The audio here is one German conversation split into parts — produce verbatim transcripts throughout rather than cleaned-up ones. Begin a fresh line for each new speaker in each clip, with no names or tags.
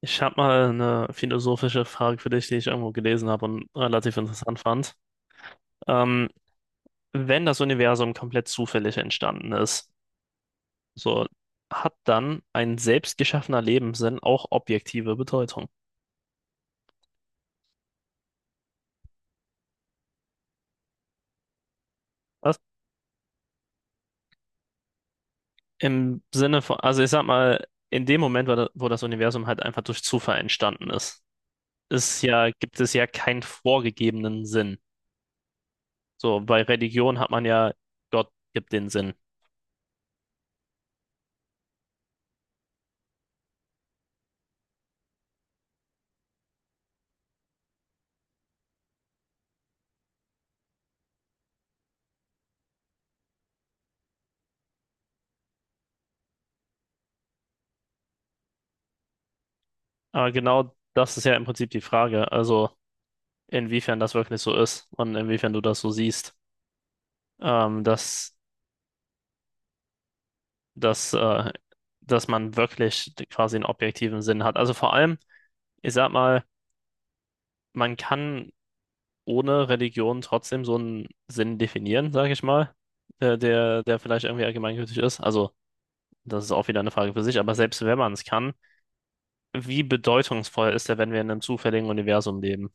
Ich habe mal eine philosophische Frage für dich, die ich irgendwo gelesen habe und relativ interessant fand. Ähm, Wenn das Universum komplett zufällig entstanden ist, so hat dann ein selbst geschaffener Lebenssinn auch objektive Bedeutung? Was? Im Sinne von, also ich sag mal, in dem Moment, wo da- wo das Universum halt einfach durch Zufall entstanden ist, ist ja, gibt es ja keinen vorgegebenen Sinn. So, bei Religion hat man ja, Gott gibt den Sinn. Aber genau das ist ja im Prinzip die Frage. Also inwiefern das wirklich so ist und inwiefern du das so siehst, ähm, dass, dass, äh, dass man wirklich quasi einen objektiven Sinn hat. Also vor allem, ich sag mal, man kann ohne Religion trotzdem so einen Sinn definieren, sag ich mal, der, der, der vielleicht irgendwie allgemeingültig ist. Also das ist auch wieder eine Frage für sich, aber selbst wenn man es kann, wie bedeutungsvoll ist der, wenn wir in einem zufälligen Universum leben?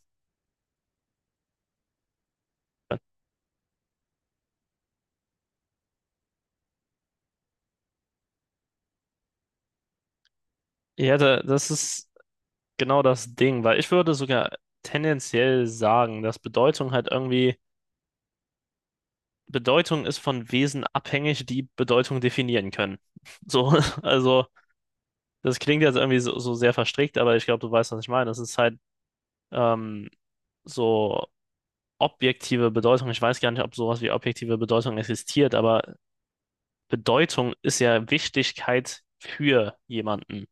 Ja, da, das ist genau das Ding, weil ich würde sogar tendenziell sagen, dass Bedeutung halt irgendwie Bedeutung ist von Wesen abhängig, die Bedeutung definieren können. So, also das klingt jetzt irgendwie so, so sehr verstrickt, aber ich glaube, du weißt, was ich meine. Das ist halt ähm, so objektive Bedeutung. Ich weiß gar nicht, ob sowas wie objektive Bedeutung existiert, aber Bedeutung ist ja Wichtigkeit für jemanden.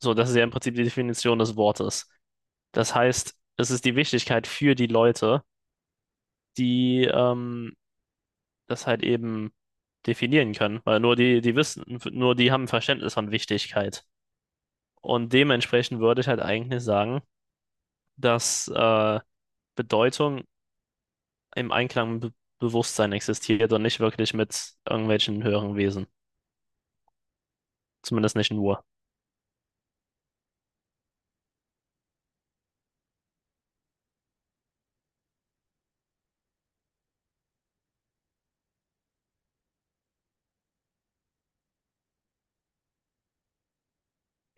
So, das ist ja im Prinzip die Definition des Wortes. Das heißt, es ist die Wichtigkeit für die Leute, die ähm, das halt eben definieren können, weil nur die, die wissen, nur die haben ein Verständnis von Wichtigkeit. Und dementsprechend würde ich halt eigentlich sagen, dass äh, Bedeutung im Einklang mit Be Bewusstsein existiert und nicht wirklich mit irgendwelchen höheren Wesen. Zumindest nicht nur.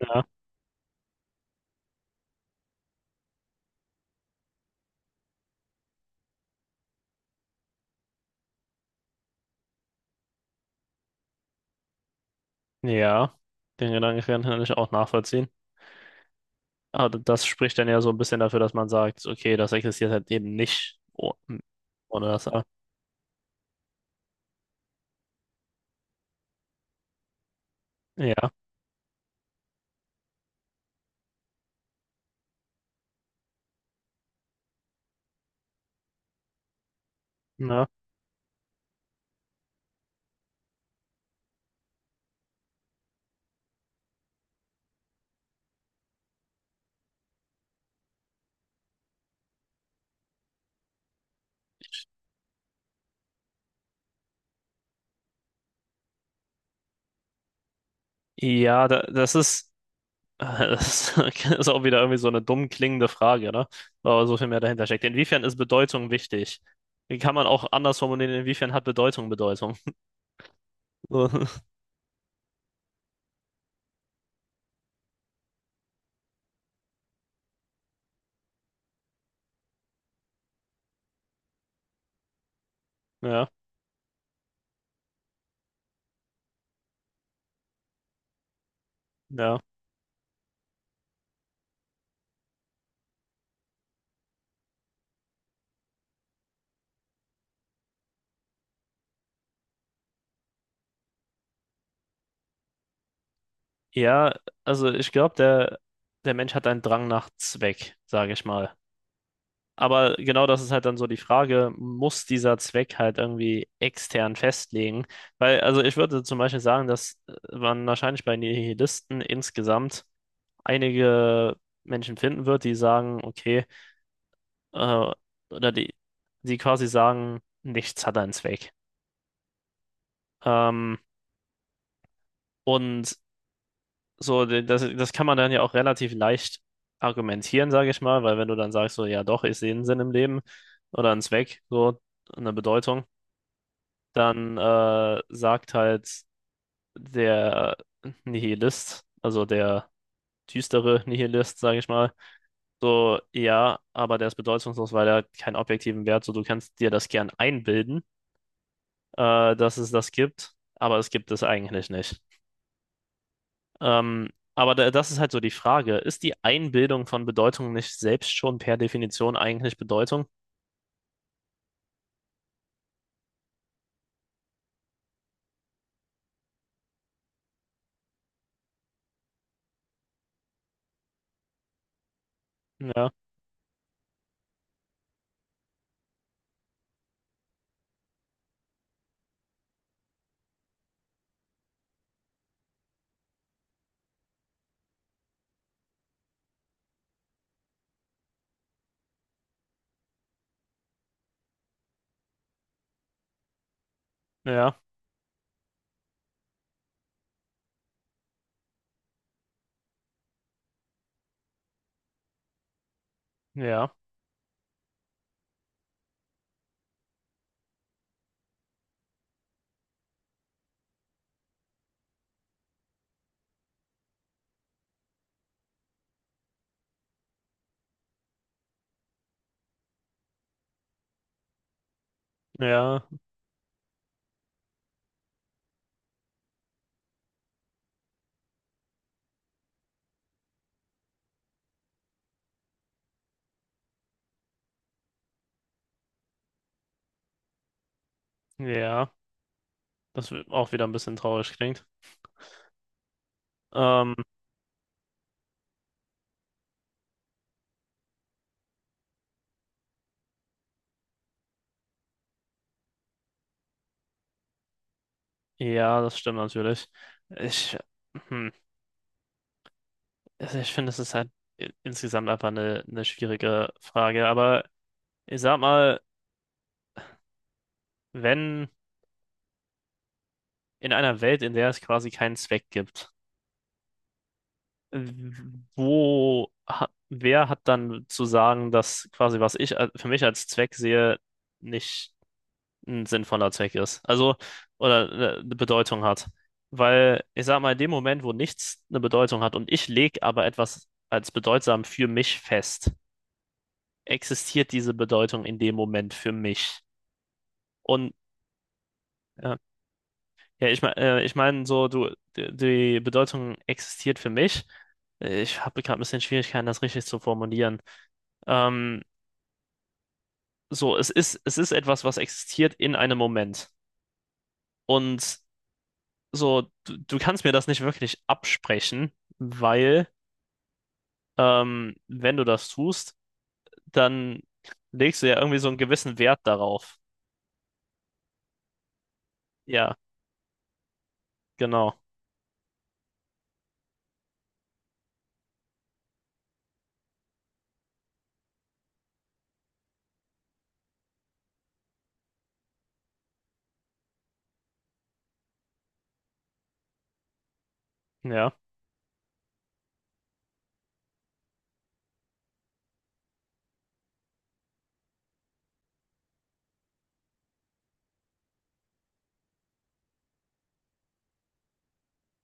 Ja, ja, den Gedanken kann ich auch nachvollziehen. Aber das spricht dann ja so ein bisschen dafür, dass man sagt, okay, das existiert halt eben nicht oh- ohne das. Ja, ja. Ja, da, das ist. Äh, Das ist auch wieder irgendwie so eine dumm klingende Frage, ne? Aber so viel mehr dahinter steckt. Inwiefern ist Bedeutung wichtig? Wie kann man auch anders formulieren, inwiefern hat Bedeutung Bedeutung? So, ja, ja. Ja, also ich glaube, der, der Mensch hat einen Drang nach Zweck, sage ich mal. Aber genau das ist halt dann so die Frage, muss dieser Zweck halt irgendwie extern festlegen? Weil, also ich würde zum Beispiel sagen, dass äh, man wahrscheinlich bei Nihilisten insgesamt einige Menschen finden wird, die sagen, okay, äh, oder die, die quasi sagen, nichts hat einen Zweck. Ähm, und so, d- das, das kann man dann ja auch relativ leicht argumentieren, sage ich mal, weil wenn du dann sagst, so, ja doch, ich sehe einen Sinn im Leben oder einen Zweck, so eine Bedeutung, dann äh, sagt halt der Nihilist, also der düstere Nihilist, sage ich mal. So, ja, aber der ist bedeutungslos, weil er hat keinen objektiven Wert. So, du kannst dir das gern einbilden, äh, dass es das gibt, aber es gibt es eigentlich nicht. Ähm, aber da, das ist halt so die Frage. Ist die Einbildung von Bedeutung nicht selbst schon per Definition eigentlich Bedeutung? Ja, ja, ja, ja, ja. Das wi- auch wieder ein bisschen traurig klingt. Ähm, ja, das stimmt natürlich. Ich, hm, also ich finde, es ist halt i- insgesamt einfach eine, eine schwierige Frage, aber ich sag mal, wenn in einer Welt, in der es quasi keinen Zweck gibt, wo, ha- wer hat dann zu sagen, dass quasi, was ich a- für mich als Zweck sehe, nicht ein sinnvoller Zweck ist? Also, oder äh, eine Bedeutung hat. Weil ich sag mal, in dem Moment, wo nichts eine Bedeutung hat und ich lege aber etwas als bedeutsam für mich fest, existiert diese Bedeutung in dem Moment für mich. Und ja. Ja, ich meine, äh, ich meine so, du, die, die Bedeutung existiert für mich. Äh, Ich habe gerade ein bisschen Schwierigkeiten, das richtig zu formulieren. Ähm, so, es ist, es ist etwas, was existiert in einem Moment. Und so, du, du kannst mir das nicht wirklich absprechen, weil, ähm, wenn du das tust, dann legst du ja irgendwie so einen gewissen Wert darauf. Ja, genau. Ja,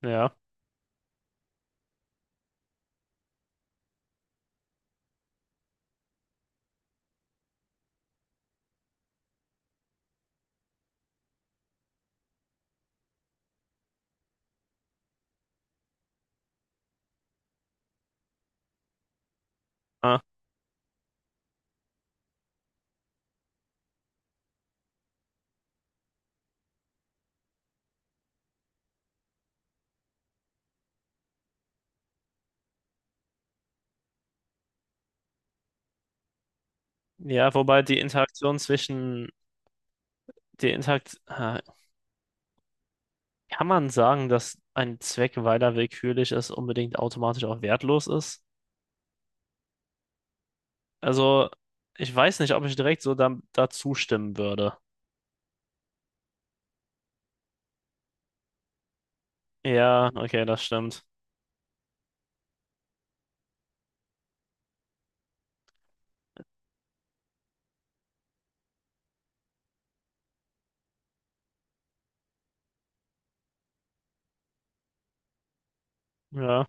ja. Ah. Ja, wobei die Interaktion zwischen, die Interakt, ah, kann man sagen, dass ein Zweck, weil er willkürlich ist, unbedingt automatisch auch wertlos ist? Also, ich weiß nicht, ob ich direkt so da, dazu stimmen würde. Ja, okay, das stimmt. Ja,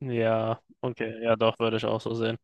ja, okay, ja, doch, würde ich auch so sehen.